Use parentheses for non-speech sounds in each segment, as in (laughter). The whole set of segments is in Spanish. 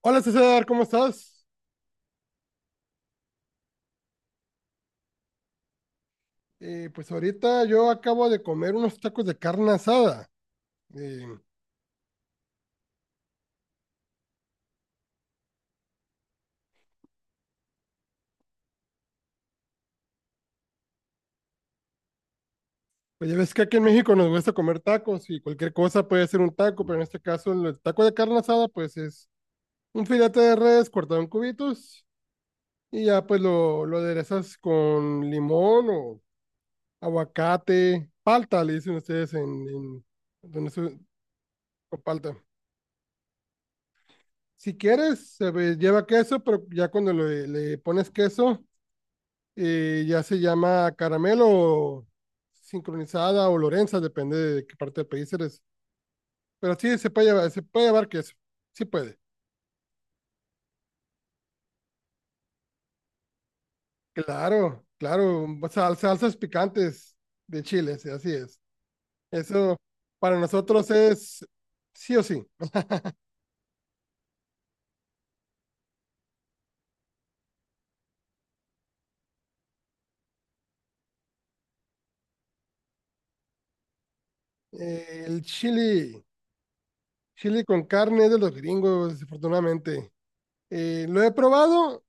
Hola César, ¿cómo estás? Pues ahorita yo acabo de comer unos tacos de carne asada. Eh, pues ya ves que aquí en México nos gusta comer tacos y cualquier cosa puede ser un taco, pero en este caso el taco de carne asada pues es un filete de res cortado en cubitos y ya pues lo aderezas con limón o aguacate, palta le dicen ustedes donde se- con palta. Si quieres, lleva queso, pero ya cuando le pones queso ya se llama caramelo sincronizada o Lorenza, depende de qué parte del país eres. Pero sí, se puede llevar queso. Sí puede. Claro, claro. Salsas picantes de chiles, así es. Eso para nosotros es sí o sí. Eh, el chili, Chili con carne es de los gringos, desafortunadamente. Lo he probado,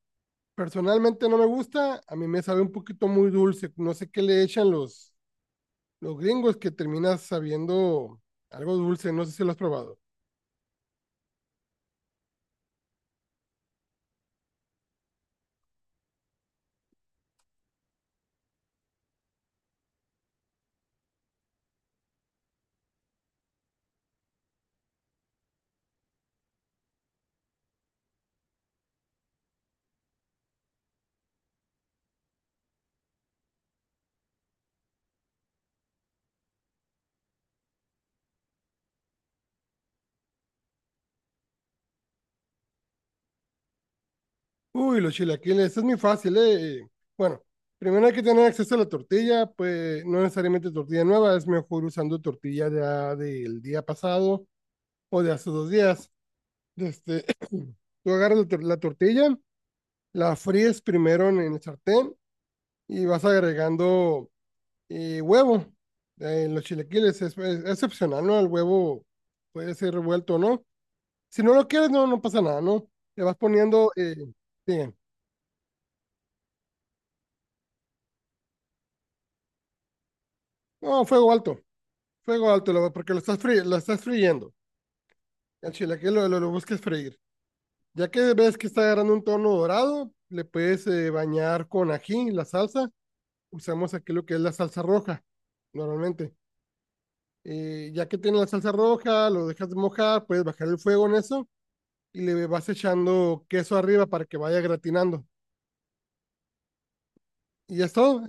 personalmente no me gusta. A mí me sabe un poquito muy dulce. No sé qué le echan los gringos que terminas sabiendo algo dulce, no sé si lo has probado. Uy, los chilaquiles, es muy fácil, ¿eh? Bueno, primero hay que tener acceso a la tortilla, pues no necesariamente tortilla nueva, es mejor usando tortilla ya del día pasado o de hace 2 días. Este, (clears throat) Tú agarras la tortilla, la fríes primero en el sartén y vas agregando huevo. Los chilaquiles es, es opcional, ¿no? El huevo puede ser revuelto o no. Si no lo quieres, no, no pasa nada, ¿no? Le vas poniendo, bien. No, fuego alto, porque lo estás, lo estás friendo. El chilaquil lo busques freír. Ya que ves que está agarrando un tono dorado, le puedes bañar con ají, la salsa. Usamos aquí lo que es la salsa roja, normalmente. Ya que tiene la salsa roja, lo dejas mojar, puedes bajar el fuego en eso y le vas echando queso arriba para que vaya gratinando. Y ya es todo.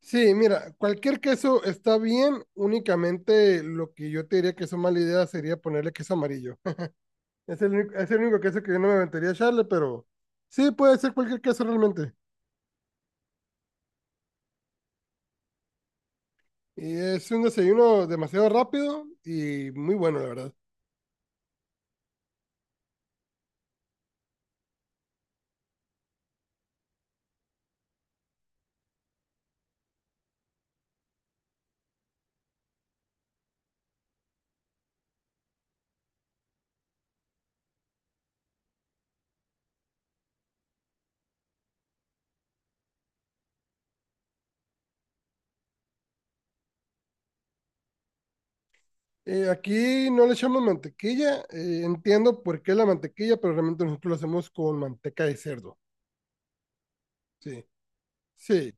Sí, mira, cualquier queso está bien, únicamente lo que yo te diría que es una mala idea sería ponerle queso amarillo. (laughs) Es es el único queso que yo no me aventaría a echarle, pero sí, puede ser cualquier queso realmente. Y es un desayuno demasiado rápido y muy bueno, la verdad. Aquí no le echamos mantequilla, entiendo por qué la mantequilla, pero realmente nosotros lo hacemos con manteca de cerdo. Sí, sí.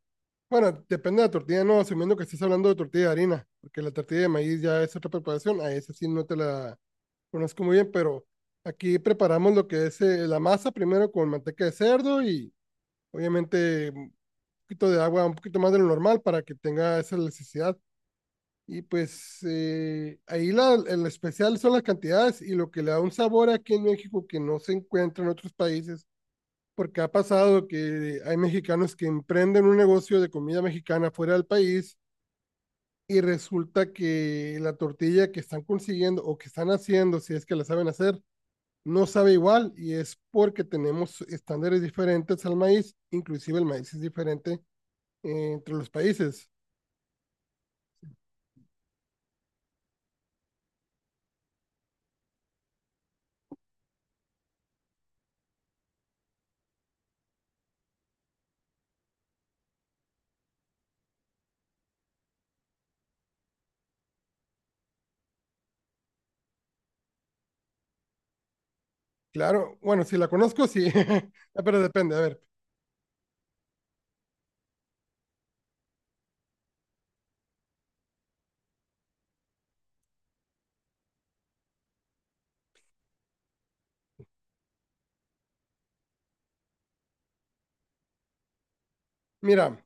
Bueno, depende de la tortilla, no, asumiendo que estés hablando de tortilla de harina, porque la tortilla de maíz ya es otra preparación, a esa sí no te la conozco muy bien, pero aquí preparamos lo que es la masa primero con manteca de cerdo y obviamente un poquito de agua, un poquito más de lo normal para que tenga esa elasticidad. Y pues ahí el especial son las cantidades y lo que le da un sabor aquí en México que no se encuentra en otros países, porque ha pasado que hay mexicanos que emprenden un negocio de comida mexicana fuera del país y resulta que la tortilla que están consiguiendo o que están haciendo, si es que la saben hacer, no sabe igual y es porque tenemos estándares diferentes al maíz, inclusive el maíz es diferente entre los países. Claro, bueno, si la conozco, sí, (laughs) pero depende, a ver, mira,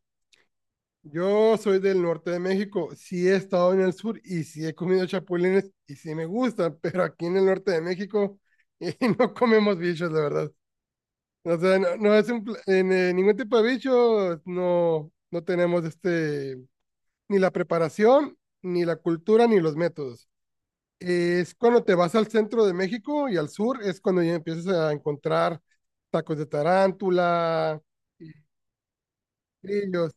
yo soy del norte de México, sí he estado en el sur y sí he comido chapulines y sí me gustan, pero aquí en el norte de México (laughs) no comemos bichos, la verdad. O sea, no, no es un, pl- en ningún tipo de bicho, no, no tenemos ni la preparación, ni la cultura, ni los métodos. Es cuando te vas al centro de México y al sur, es cuando ya empiezas a encontrar tacos de tarántula, y grillos.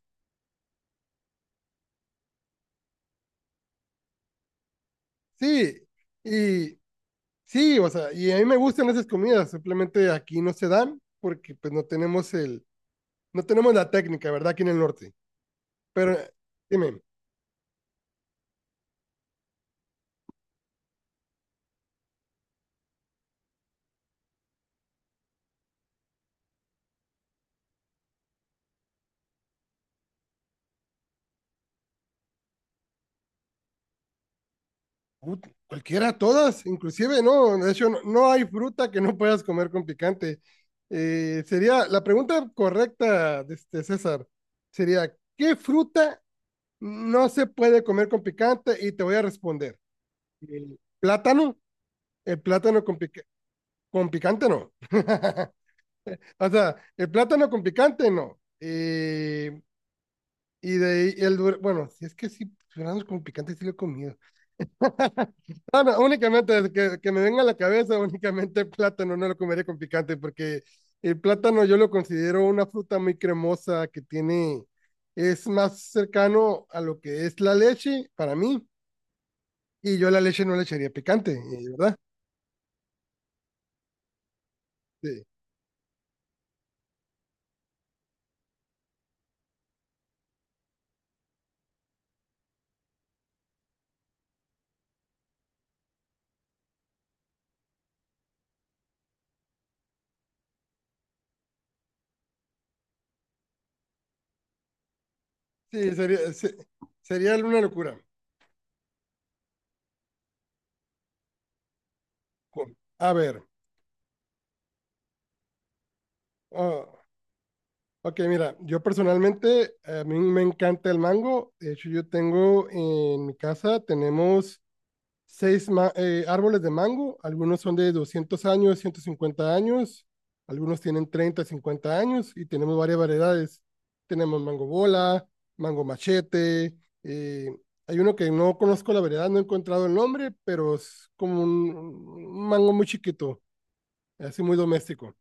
Sí, y sí, o sea, y a mí me gustan esas comidas, simplemente aquí no se dan porque pues no tenemos el, no tenemos la técnica, ¿verdad? Aquí en el norte. Pero dime. Cualquiera, todas, inclusive, ¿no? De hecho, no, no hay fruta que no puedas comer con picante. Sería la pregunta correcta de este César, sería, ¿qué fruta no se puede comer con picante? Y te voy a responder, el plátano, el plátano con picante no. (laughs) O sea, el plátano con picante no. Y de ahí bueno, si es que sí, duraznos con picante sí lo he comido. No, no, únicamente que me venga a la cabeza, (laughs) únicamente el plátano, no lo comería con picante, porque el plátano yo lo considero una fruta muy cremosa que tiene, es más cercano a lo que es la leche para mí, y yo a la leche no le echaría picante, ¿verdad? Sí, sí, sería una locura. A ver, oh, ok, mira, yo personalmente, a mí me encanta el mango, de hecho yo tengo en mi casa, tenemos árboles de mango, algunos son de 200 años, 150 años, algunos tienen 30, 50 años y tenemos varias variedades. Tenemos mango bola, mango machete, eh, hay uno que no conozco la variedad, no he encontrado el nombre, pero es como un mango muy chiquito, así muy doméstico.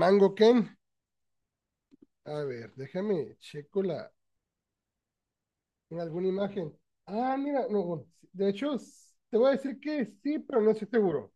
Mango Ken, a ver, déjame checo en alguna imagen. Ah, mira, no, de hecho, te voy a decir que sí, pero no estoy seguro.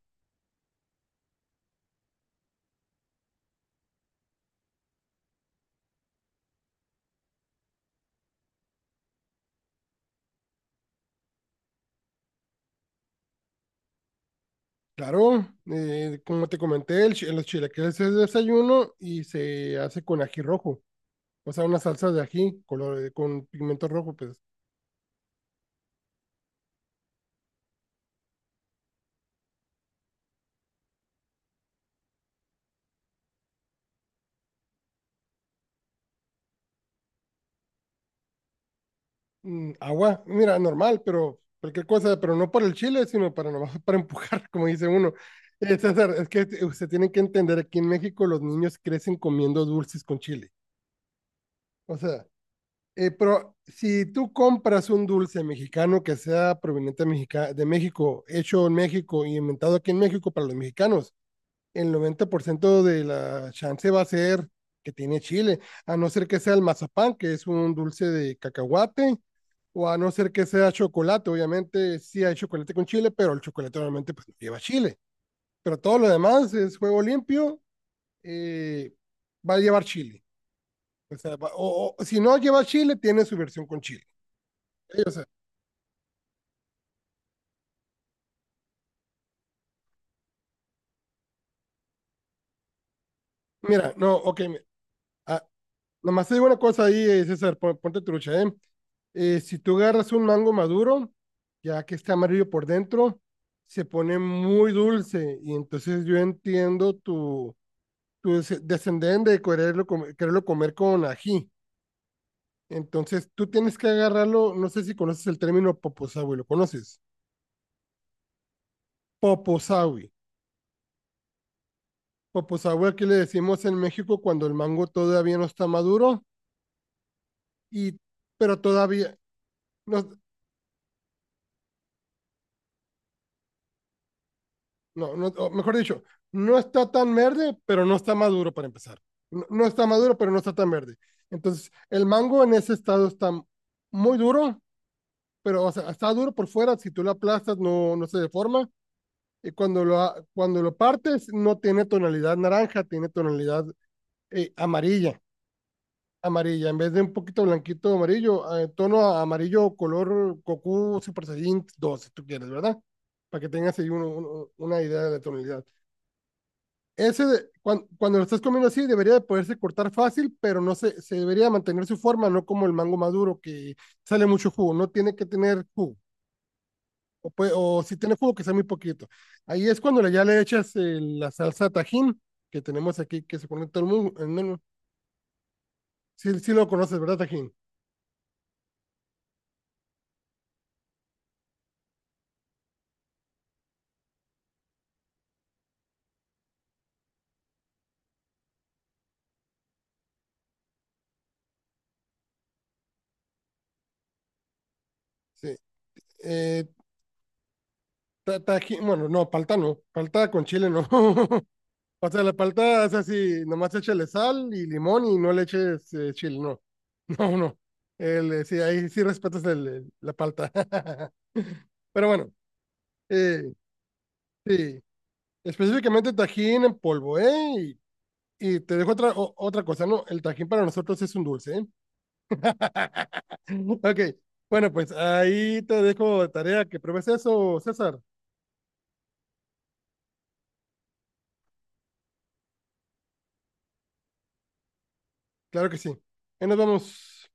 Claro, como te comenté, los chilaquiles es desayuno y se hace con ají rojo, o sea, una salsa de ají color, con pigmento rojo, pues agua, mira, normal, pero cualquier cosa, pero no por el chile, sino para nomás para empujar, (laughs) como dice uno. César, es que usted tiene que entender, aquí en México los niños crecen comiendo dulces con chile, o sea, pero si tú compras un dulce mexicano que sea proveniente de de México, hecho en México y inventado aquí en México para los mexicanos, el 90% de la chance va a ser que tiene chile, a no ser que sea el mazapán, que es un dulce de cacahuate, o a no ser que sea chocolate, obviamente sí hay chocolate con chile, pero el chocolate normalmente pues no lleva chile, pero todo lo demás es juego limpio, eh, va a llevar chile, o sea, o si no lleva chile, tiene su versión con chile. O sea, mira, no, ok, mi- a- Nomás te digo una cosa ahí, César, ponte trucha, ¿eh? Si tú agarras un mango maduro, ya que está amarillo por dentro, se pone muy dulce y entonces yo entiendo tu descendén de quererlo, quererlo comer con ají. Entonces tú tienes que agarrarlo, no sé si conoces el término poposawi, ¿lo conoces? Poposawi. Poposawi aquí le decimos en México cuando el mango todavía no está maduro, y, pero todavía, no. No, no, o mejor dicho, no está tan verde, pero no está maduro para empezar. No, no está maduro, pero no está tan verde. Entonces, el mango en ese estado está muy duro, pero o sea, está duro por fuera, si tú lo aplastas no, no se deforma. Y cuando lo partes, no tiene tonalidad naranja, tiene tonalidad amarilla, amarilla, en vez de un poquito blanquito amarillo, tono amarillo color Goku Super Saiyan 2, si tú quieres, ¿verdad? Para que tengas ahí uno, uno, una idea de la tonalidad. Cuando, lo estás comiendo así, debería de poderse cortar fácil, pero no se debería mantener su forma, no como el mango maduro que sale mucho jugo, no tiene que tener jugo, o si tiene jugo que sea muy poquito. Ahí es cuando ya le echas la salsa Tajín que tenemos aquí, que se pone todo el mundo. No, no, sí, sí lo conoces, ¿verdad, Tajín? Sí. Eh, Tajín, bueno, no, palta no, palta con chile no. (laughs) O sea, la palta es así, nomás échale sal y limón y no le eches chile, no. (laughs) No, no. Sí, ahí sí respetas el, la palta. (laughs) Pero bueno, eh, sí, específicamente tajín en polvo, ¿eh? Y te dejo otra cosa, ¿no? El tajín para nosotros sí es un dulce, ¿eh? (laughs) Ok, bueno, pues ahí te dejo de tarea que pruebes eso, César. Claro que sí. Ahí nos vamos.